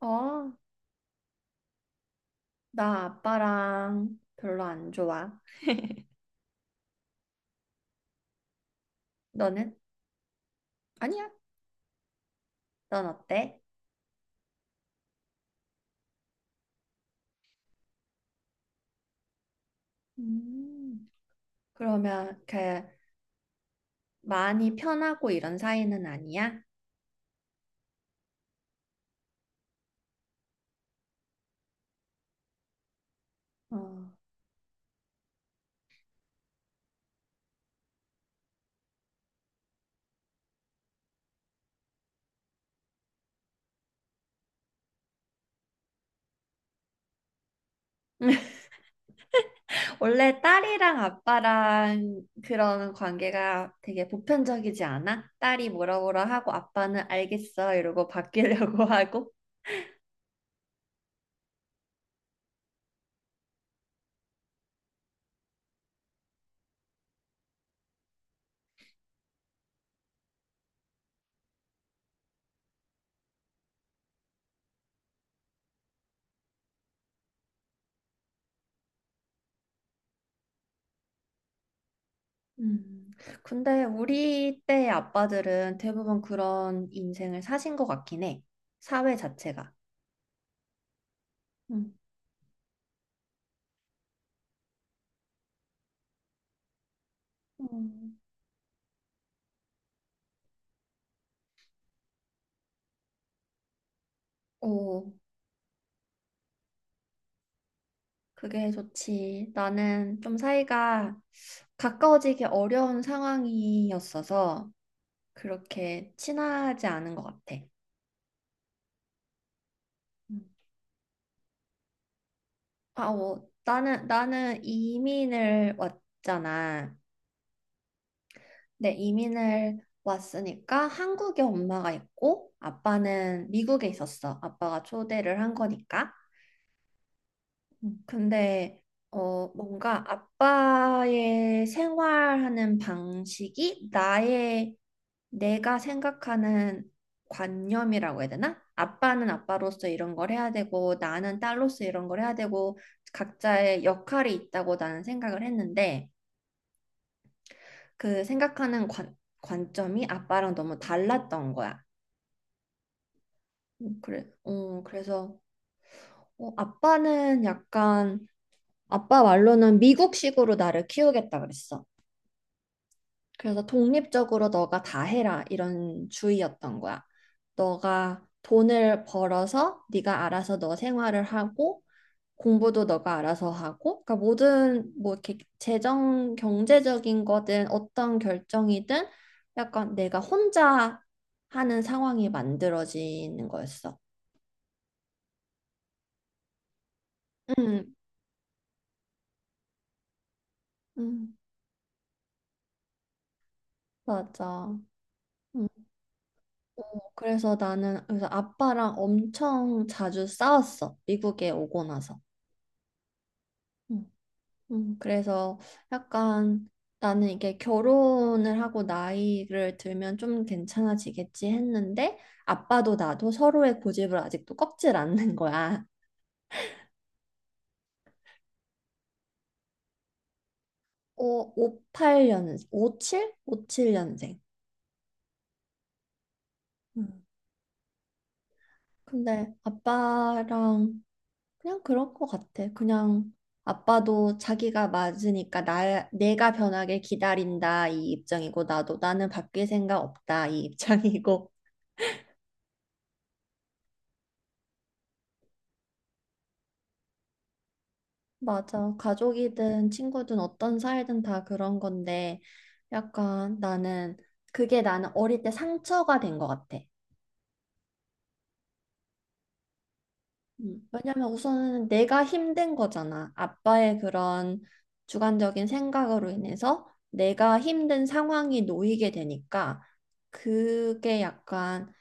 어, 나 아빠랑 별로 안 좋아. 너는? 아니야. 넌 어때? 음, 그러면 그 많이 편하고 이런 사이는 아니야? 어. 원래 딸이랑 아빠랑 그런 관계가 되게 보편적이지 않아? 딸이 뭐라 뭐라 하고 아빠는 알겠어 이러고 바뀌려고 하고. 음, 근데 우리 때의 아빠들은 대부분 그런 인생을 사신 것 같긴 해. 사회 자체가. 음. 음. 오, 그게 좋지. 나는 좀 사이가 가까워지기 어려운 상황이었어서 그렇게 친하지 않은 것 같아. 음. 아, 어, 나는 이민을 왔잖아. 네, 이민을 왔으니까 한국에 엄마가 있고 아빠는 미국에 있었어. 아빠가 초대를 한 거니까. 근데 뭔가 아빠의 생활하는 방식이 나의 내가 생각하는 관념이라고 해야 되나? 아빠는 아빠로서 이런 걸 해야 되고 나는 딸로서 이런 걸 해야 되고 각자의 역할이 있다고 나는 생각을 했는데 그 생각하는 관, 관점이 아빠랑 너무 달랐던 거야. 그래, 어, 그래서 어, 아빠는 약간 아빠 말로는 미국식으로 나를 키우겠다 그랬어. 그래서 독립적으로 너가 다 해라 이런 주의였던 거야. 너가 돈을 벌어서 네가 알아서 너 생활을 하고 공부도 너가 알아서 하고 그러니까 모든 뭐 이렇게 재정 경제적인 거든 어떤 결정이든 약간 내가 혼자 하는 상황이 만들어지는 거였어. 응, 음, 맞아. 음, 그래서 나는 그래서 아빠랑 엄청 자주 싸웠어. 미국에 오고 나서. 음. 그래서 약간 나는 이게 결혼을 하고 나이를 들면 좀 괜찮아지겠지 했는데 아빠도 나도 서로의 고집을 아직도 꺾질 않는 거야. 오, 58년, 57? 57년생. 음. 근데 아빠랑 그냥 그럴 것 같아. 그냥 아빠도 자기가 맞으니까 나, 내가 변하길 기다린다 이 입장이고 나도 나는 바뀔 생각 없다 이 입장이고 맞아. 가족이든 친구든 어떤 사이든 다 그런 건데, 약간 나는, 그게 나는 어릴 때 상처가 된 것 같아. 왜냐면 우선은 내가 힘든 거잖아. 아빠의 그런 주관적인 생각으로 인해서 내가 힘든 상황이 놓이게 되니까, 그게 약간,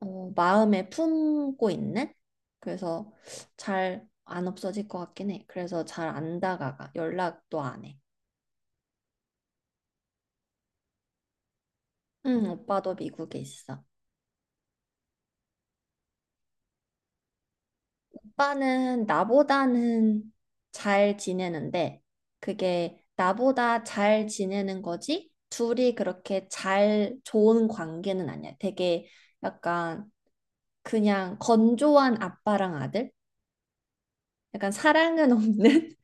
어, 마음에 품고 있는? 그래서 잘 안 없어질 것 같긴 해. 그래서 잘 안 다가가. 연락도 안 해. 응, 오빠도 미국에 있어. 오빠는 나보다는 잘 지내는데, 그게 나보다 잘 지내는 거지, 둘이 그렇게 잘 좋은 관계는 아니야. 되게 약간 그냥 건조한 아빠랑 아들? 약간 사랑은 없는?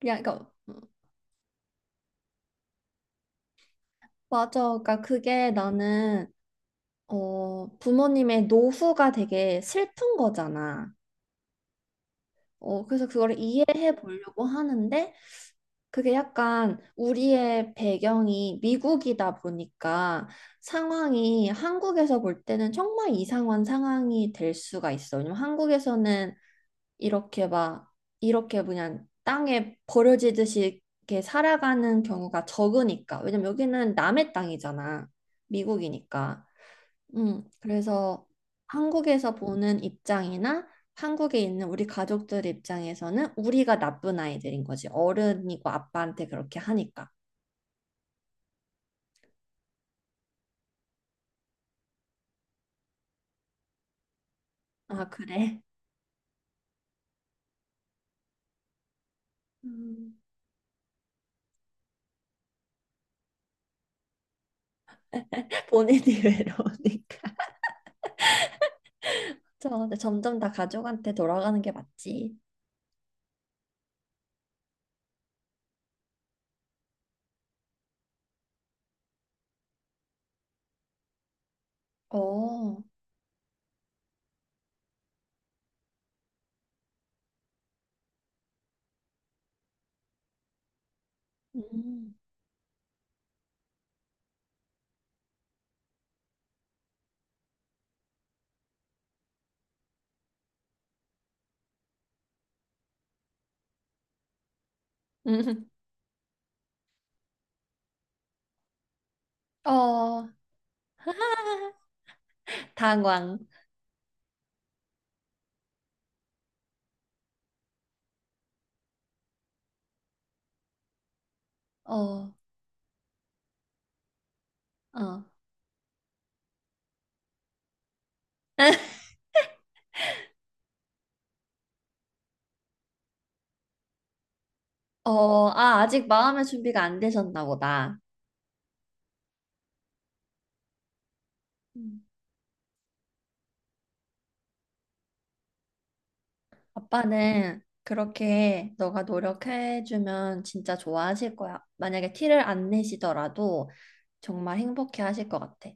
그냥, 그러니까, 맞아. 그러니까 그게 나는, 어, 부모님의 노후가 되게 슬픈 거잖아. 어, 그래서 그걸 이해해 보려고 하는데, 그게 약간 우리의 배경이 미국이다 보니까 상황이 한국에서 볼 때는 정말 이상한 상황이 될 수가 있어. 왜냐면 한국에서는 이렇게 막 이렇게 그냥 땅에 버려지듯이 이렇게 살아가는 경우가 적으니까. 왜냐면 여기는 남의 땅이잖아. 미국이니까. 그래서 한국에서 보는 입장이나 한국에 있는 우리 가족들 입장에서는 우리가 나쁜 아이들인 거지. 어른이고 아빠한테 그렇게 하니까. 아, 그래. 음. 본인이 외로우니까. 저 근데 점점 다 가족한테 돌아가는 게 맞지. 어. 음. 어, 당황. 어, 어. 어, 아, 아직 마음의 준비가 안 되셨나 보다. 아빠는 그렇게 너가 노력해주면 진짜 좋아하실 거야. 만약에 티를 안 내시더라도 정말 행복해 하실 것 같아.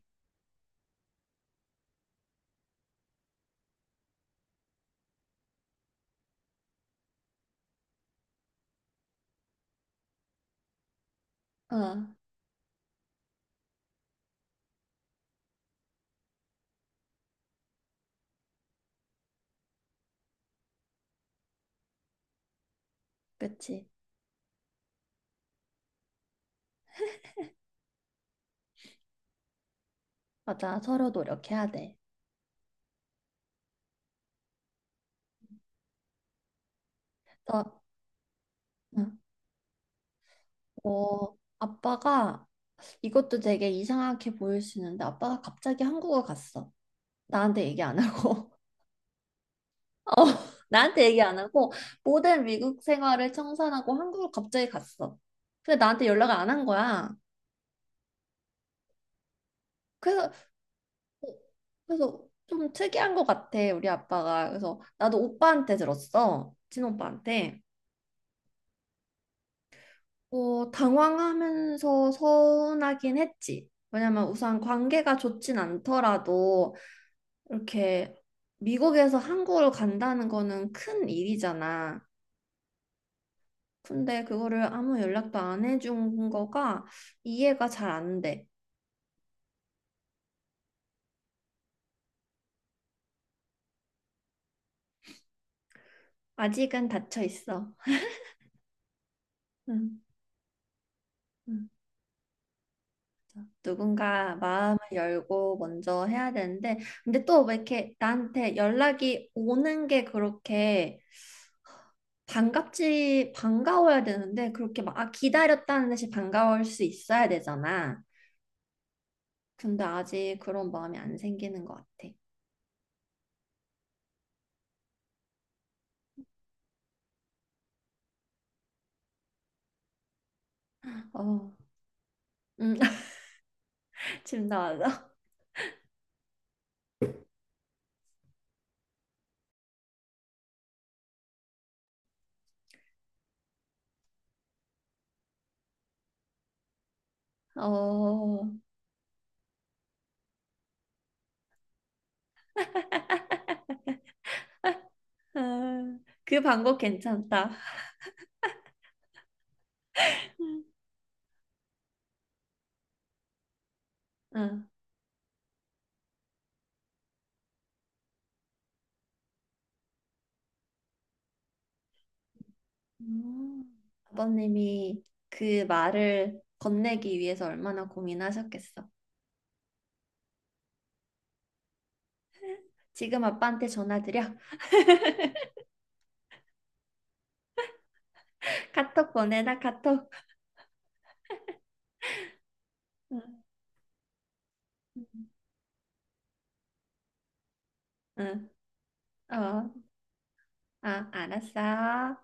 응, 그치. 맞아. 서로 노력해야 돼. 너, 응. 어, 아빠가 이것도 되게 이상하게 보일 수 있는데 아빠가 갑자기 한국을 갔어. 나한테 얘기 안 하고. 어, 나한테 얘기 안 하고 모든 미국 생활을 청산하고 한국을 갑자기 갔어. 근데 나한테 연락을 안 한 거야. 그래서 어, 그래서 좀 특이한 것 같아, 우리 아빠가. 그래서 나도 오빠한테 들었어. 친오빠한테. 어, 당황하면서 서운하긴 했지. 왜냐면 우선 관계가 좋진 않더라도 이렇게 미국에서 한국으로 간다는 거는 큰 일이잖아. 근데 그거를 아무 연락도 안 해준 거가 이해가 잘 안 돼. 아직은 닫혀 있어. 응. 응. 누군가 마음을 열고 먼저 해야 되는데, 근데 또 왜 이렇게 나한테 연락이 오는 게 그렇게 반갑지, 반가워야 되는데, 그렇게 막, 아, 기다렸다는 듯이 반가울 수 있어야 되잖아. 근데 아직 그런 마음이 안 생기는 것 같아. 어, 음, 지금 나와서. 어, 아, 그 방법 괜찮다. 응. 음. 아버님이 그 말을 건네기 위해서 얼마나 고민하셨겠어. 지금 아빠한테 전화 드려. 카톡 보내나 카톡. 응, 응, 응. 어, 아, 알았어.